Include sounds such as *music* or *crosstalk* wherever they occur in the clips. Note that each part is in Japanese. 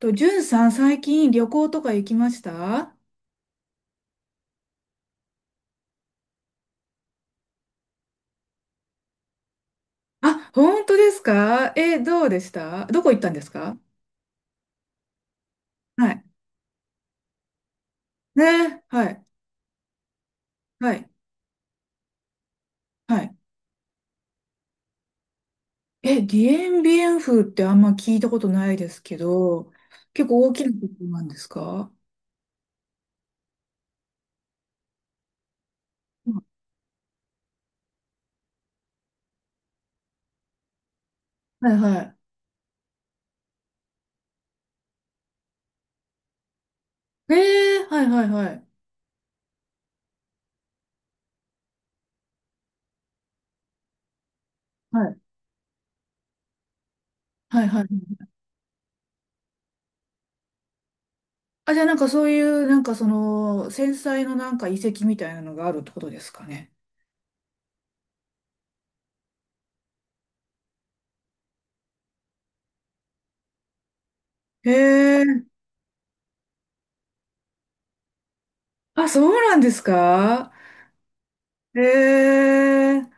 と、じゅんさん、最近旅行とか行きました？あ、本当ですか？え、どうでした？どこ行ったんですか？はい。ね、はい、はい、はい。え、ディエンビエンフってあんま聞いたことないですけど、結構大きなところなんですか？うん。はい、はい。えー、はい、はい、はい。はい、はい、はい。あ、じゃあなんかそういう、なんかその、繊細のなんか遺跡みたいなのがあるってことですかね。へえ、あ、そうなんですか？えー、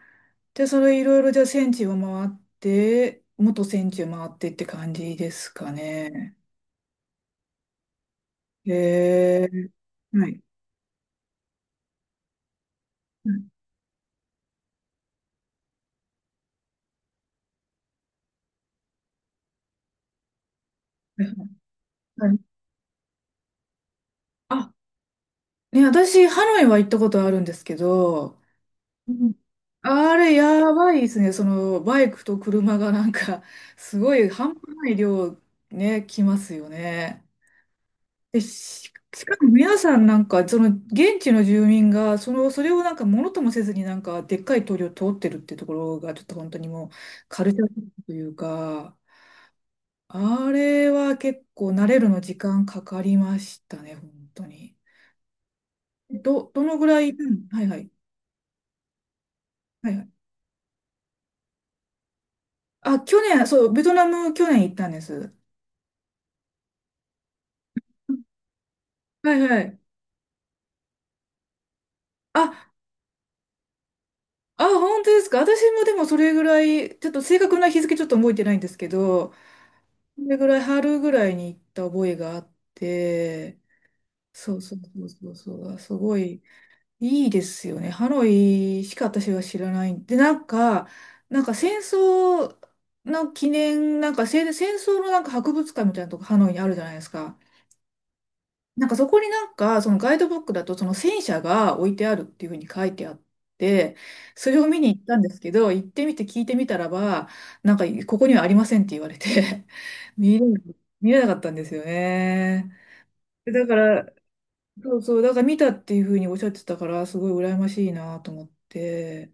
で、それいろいろじゃあ戦地を回って、元戦地を回ってって感じですかね。えー、はい。うん。はい。あ、ね、私、ハノイは行ったことあるんですけど、うん、あれ、やばいですね。その、バイクと車がなんか、すごい半端ない量、ね、来ますよね。で、しかも皆さんなんか、その現地の住民が、その、それをなんかものともせずになんか、でっかい通りを通ってるってところが、ちょっと本当にもう、カルチャーショックというか、あれは結構慣れるの時間かかりましたね、本当に。ど、どのぐらい、うん、はいはい、はいはい。あ、去年、そう、ベトナム去年行ったんです。はいはい。あ、あ、本当ですか。私もでもそれぐらい、ちょっと正確な日付ちょっと覚えてないんですけど、それぐらい、春ぐらいに行った覚えがあって、そうそうそうそうそう、あ、すごいいいですよね。ハノイしか私は知らない。で、なんか戦争の記念、なんか、戦戦争のなんか博物館みたいなとこハノイにあるじゃないですか。なんかそこになんか、そのガイドブックだと、その戦車が置いてあるっていうふうに書いてあって、それを見に行ったんですけど、行ってみて聞いてみたらば、なんか、ここにはありませんって言われて *laughs* 見れな、見れなかったんですよね。だから、そうそう、だから見たっていうふうにおっしゃってたから、すごい羨ましいなと思って、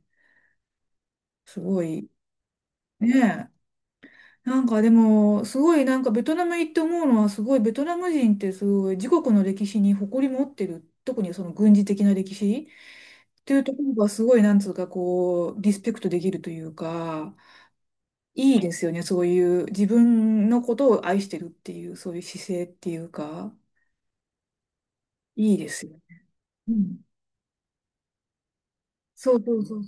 すごい、ね、なんかでも、すごいなんかベトナム行って思うのは、すごいベトナム人ってすごい自国の歴史に誇り持ってる、特にその軍事的な歴史っていうところがすごいなんつうかこう、リスペクトできるというか、いいですよね、そういう自分のことを愛してるっていう、そういう姿勢っていうか、いいですよね。うん。そうそうそう。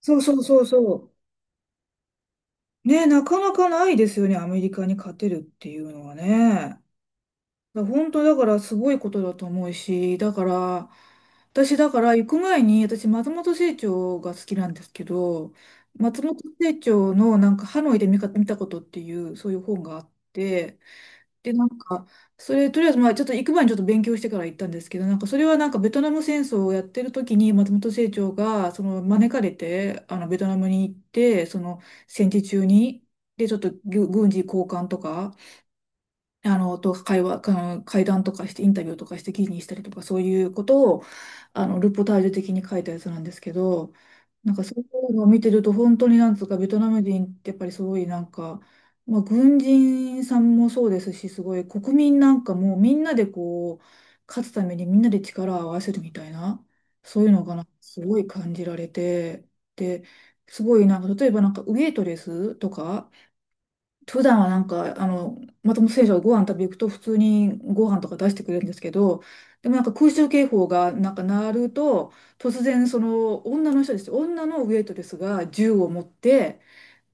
そうそうそうそう。ね、なかなかないですよね、アメリカに勝てるっていうのはね。本当だからすごいことだと思うし、だから、私だから行く前に、私松本清張が好きなんですけど、松本清張のなんかハノイで見たことっていう、そういう本があって、で、なんか、それとりあえずまあちょっと行く前にちょっと勉強してから行ったんですけど、なんかそれはなんかベトナム戦争をやってる時に松本清張がその招かれて、あのベトナムに行って、その戦時中に、で、ちょっと軍事交換とか、あの、会話、あの会談とかして、インタビューとかして記事にしたりとか、そういうことを、あの、ルポタージュ的に書いたやつなんですけど、なんかそういうのを見てると、本当になんつうか、ベトナム人ってやっぱりすごいなんか、まあ、軍人さんもそうですし、すごい国民なんかもみんなでこう、勝つためにみんなで力を合わせるみたいな、そういうのがなすごい感じられて、で、すごいなんか、例えばなんかウエイトレスとか、普段はなんか、あの、松本選手がご飯食べ行くと普通にご飯とか出してくれるんですけど、でもなんか空襲警報がなんか鳴ると、突然その女の人です。女のウェイトレスが銃を持って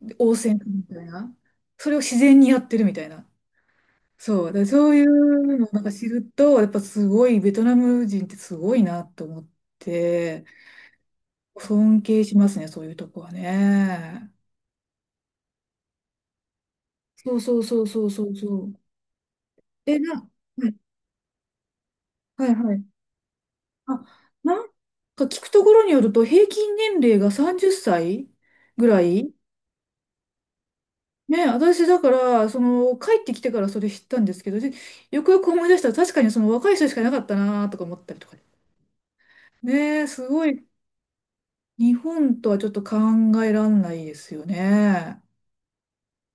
で応戦するみたいな。それを自然にやってるみたいな。そう。だからそういうのをなんか知ると、やっぱすごい、ベトナム人ってすごいなと思って、尊敬しますね、そういうとこはね。そうそうそうそうそうそう。え、はいはいはい。あ、なんか聞くところによると、平均年齢が30歳ぐらい。ね、私だから、その、帰ってきてからそれ知ったんですけど、でよくよく思い出したら、確かにその若い人しかいなかったなとか思ったりとか。ねえ、すごい、日本とはちょっと考えらんないですよね。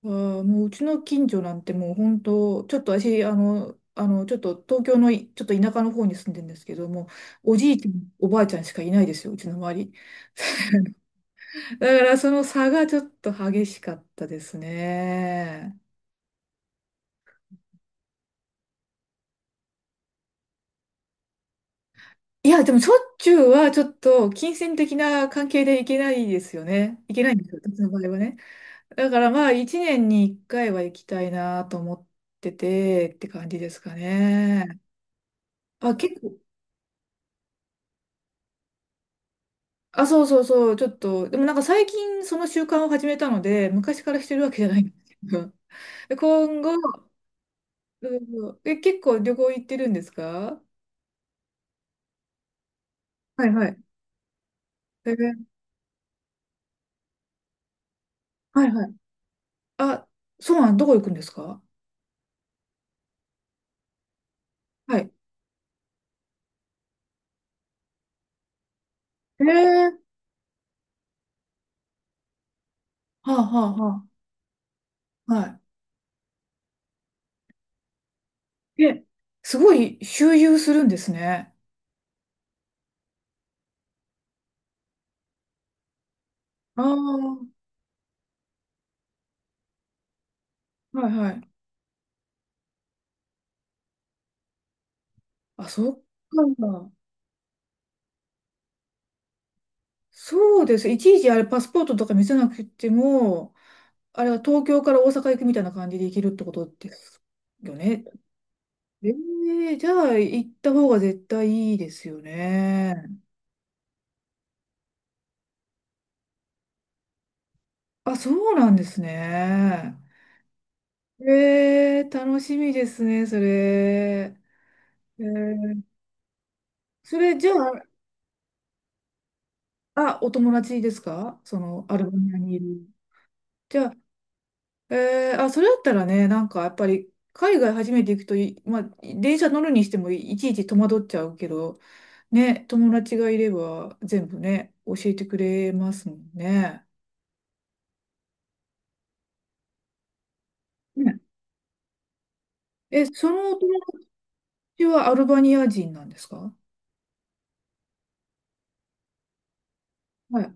あー、もううちの近所なんてもう本当、ちょっと私、あの、ちょっと東京のちょっと田舎の方に住んでるんですけども、おじいちゃん、おばあちゃんしかいないですよ、うちの周り。だからその差がちょっと激しかったですね。いや、でもしょっちゅうはちょっと金銭的な関係で行けないですよね。行けないんですよ、私の場合はね。だからまあ一年に一回は行きたいなと思っててって感じですかね。あ、結構、あ、そうそうそう、ちょっと、でもなんか最近その習慣を始めたので、昔からしてるわけじゃないんですけど。で今後、うん、え、結構旅行行ってるんですか？はいはい。えー、はいはい。あ、そうなん、どこ行くんですか？はい。ええ、はあ、はあ、はあ、はい。え、すごい周遊するんですね。ああ、はい、はい。あ、そっか。そうです。いちいちあれ、パスポートとか見せなくても、あれは東京から大阪行くみたいな感じで行けるってことですよね。ええ、じゃあ行った方が絶対いいですよね。あ、そうなんですね。ええ、楽しみですね、それ。ええ、それじゃあ、あ、お友達ですか？そのアルバニアにいる。じゃあ、あ、それだったらね、なんかやっぱり海外初めて行くとまあ、電車乗るにしてもいちいち戸惑っちゃうけど、ね、友達がいれば全部ね、教えてくれますもんね。ねえ、そのお友達はアルバニア人なんですか？はい。あ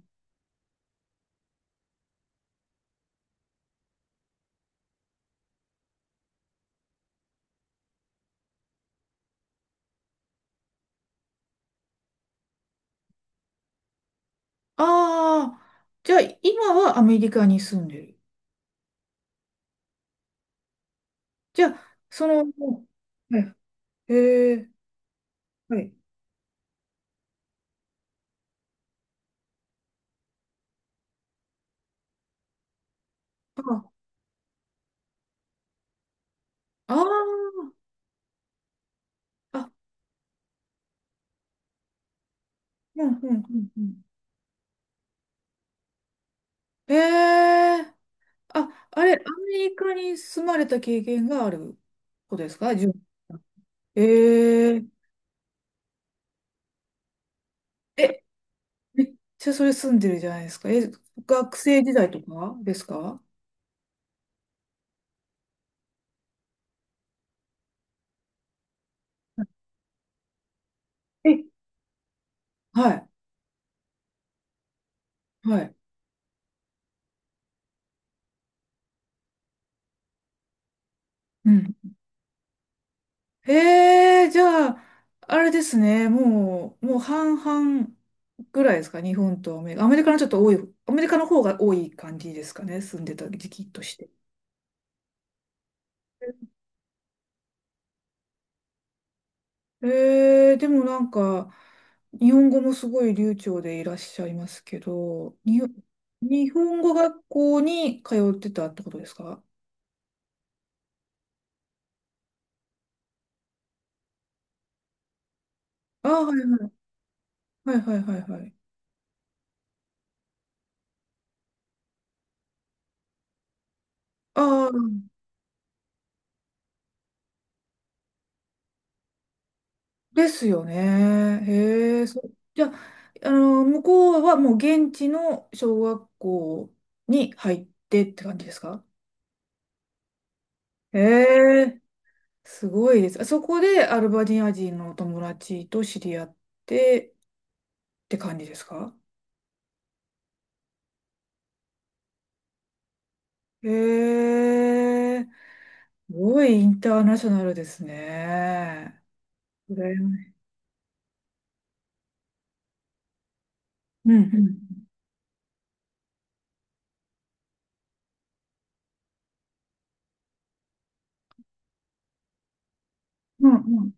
あ、じゃあ今はアメリカに住んでる。じゃあ、その、はい。えー、はい。ああー、あ、うん、うん、うんうん。ええ、あ、あれ、アメリカに住まれた経験があることですか？じゅうえええ、めっちゃそれ住んでるじゃないですか。え、学生時代とかですか？え、はい、はい。うん。ええ、じゃあ、あれですね、もう半々ぐらいですか、日本とアメリカ。アメリカのちょっと多い、アメリカの方が多い感じですかね、住んでた時期として。でもなんか、日本語もすごい流暢でいらっしゃいますけど、日本語学校に通ってたってことですか？ああ、はいはいはいはいはい。ああ、ですよね。へえ、じゃあ、あの、向こうはもう現地の小学校に入ってって感じですか？へえ、すごいです。あそこでアルバニア人のお友達と知り合ってって感じですか？へえ、すごいインターナショナルですね。羨ましい。うんうん。うんうん。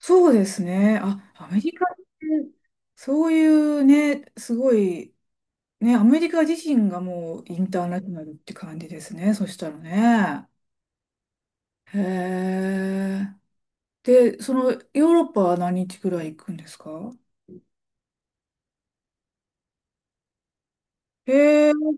そうですね。あ、アメリカってそういうね、すごい、ね、アメリカ自身がもうインターナショナルって感じですね。そしたらね。へえ。で、そのヨーロッパは何日くらい行くんですか？へえ。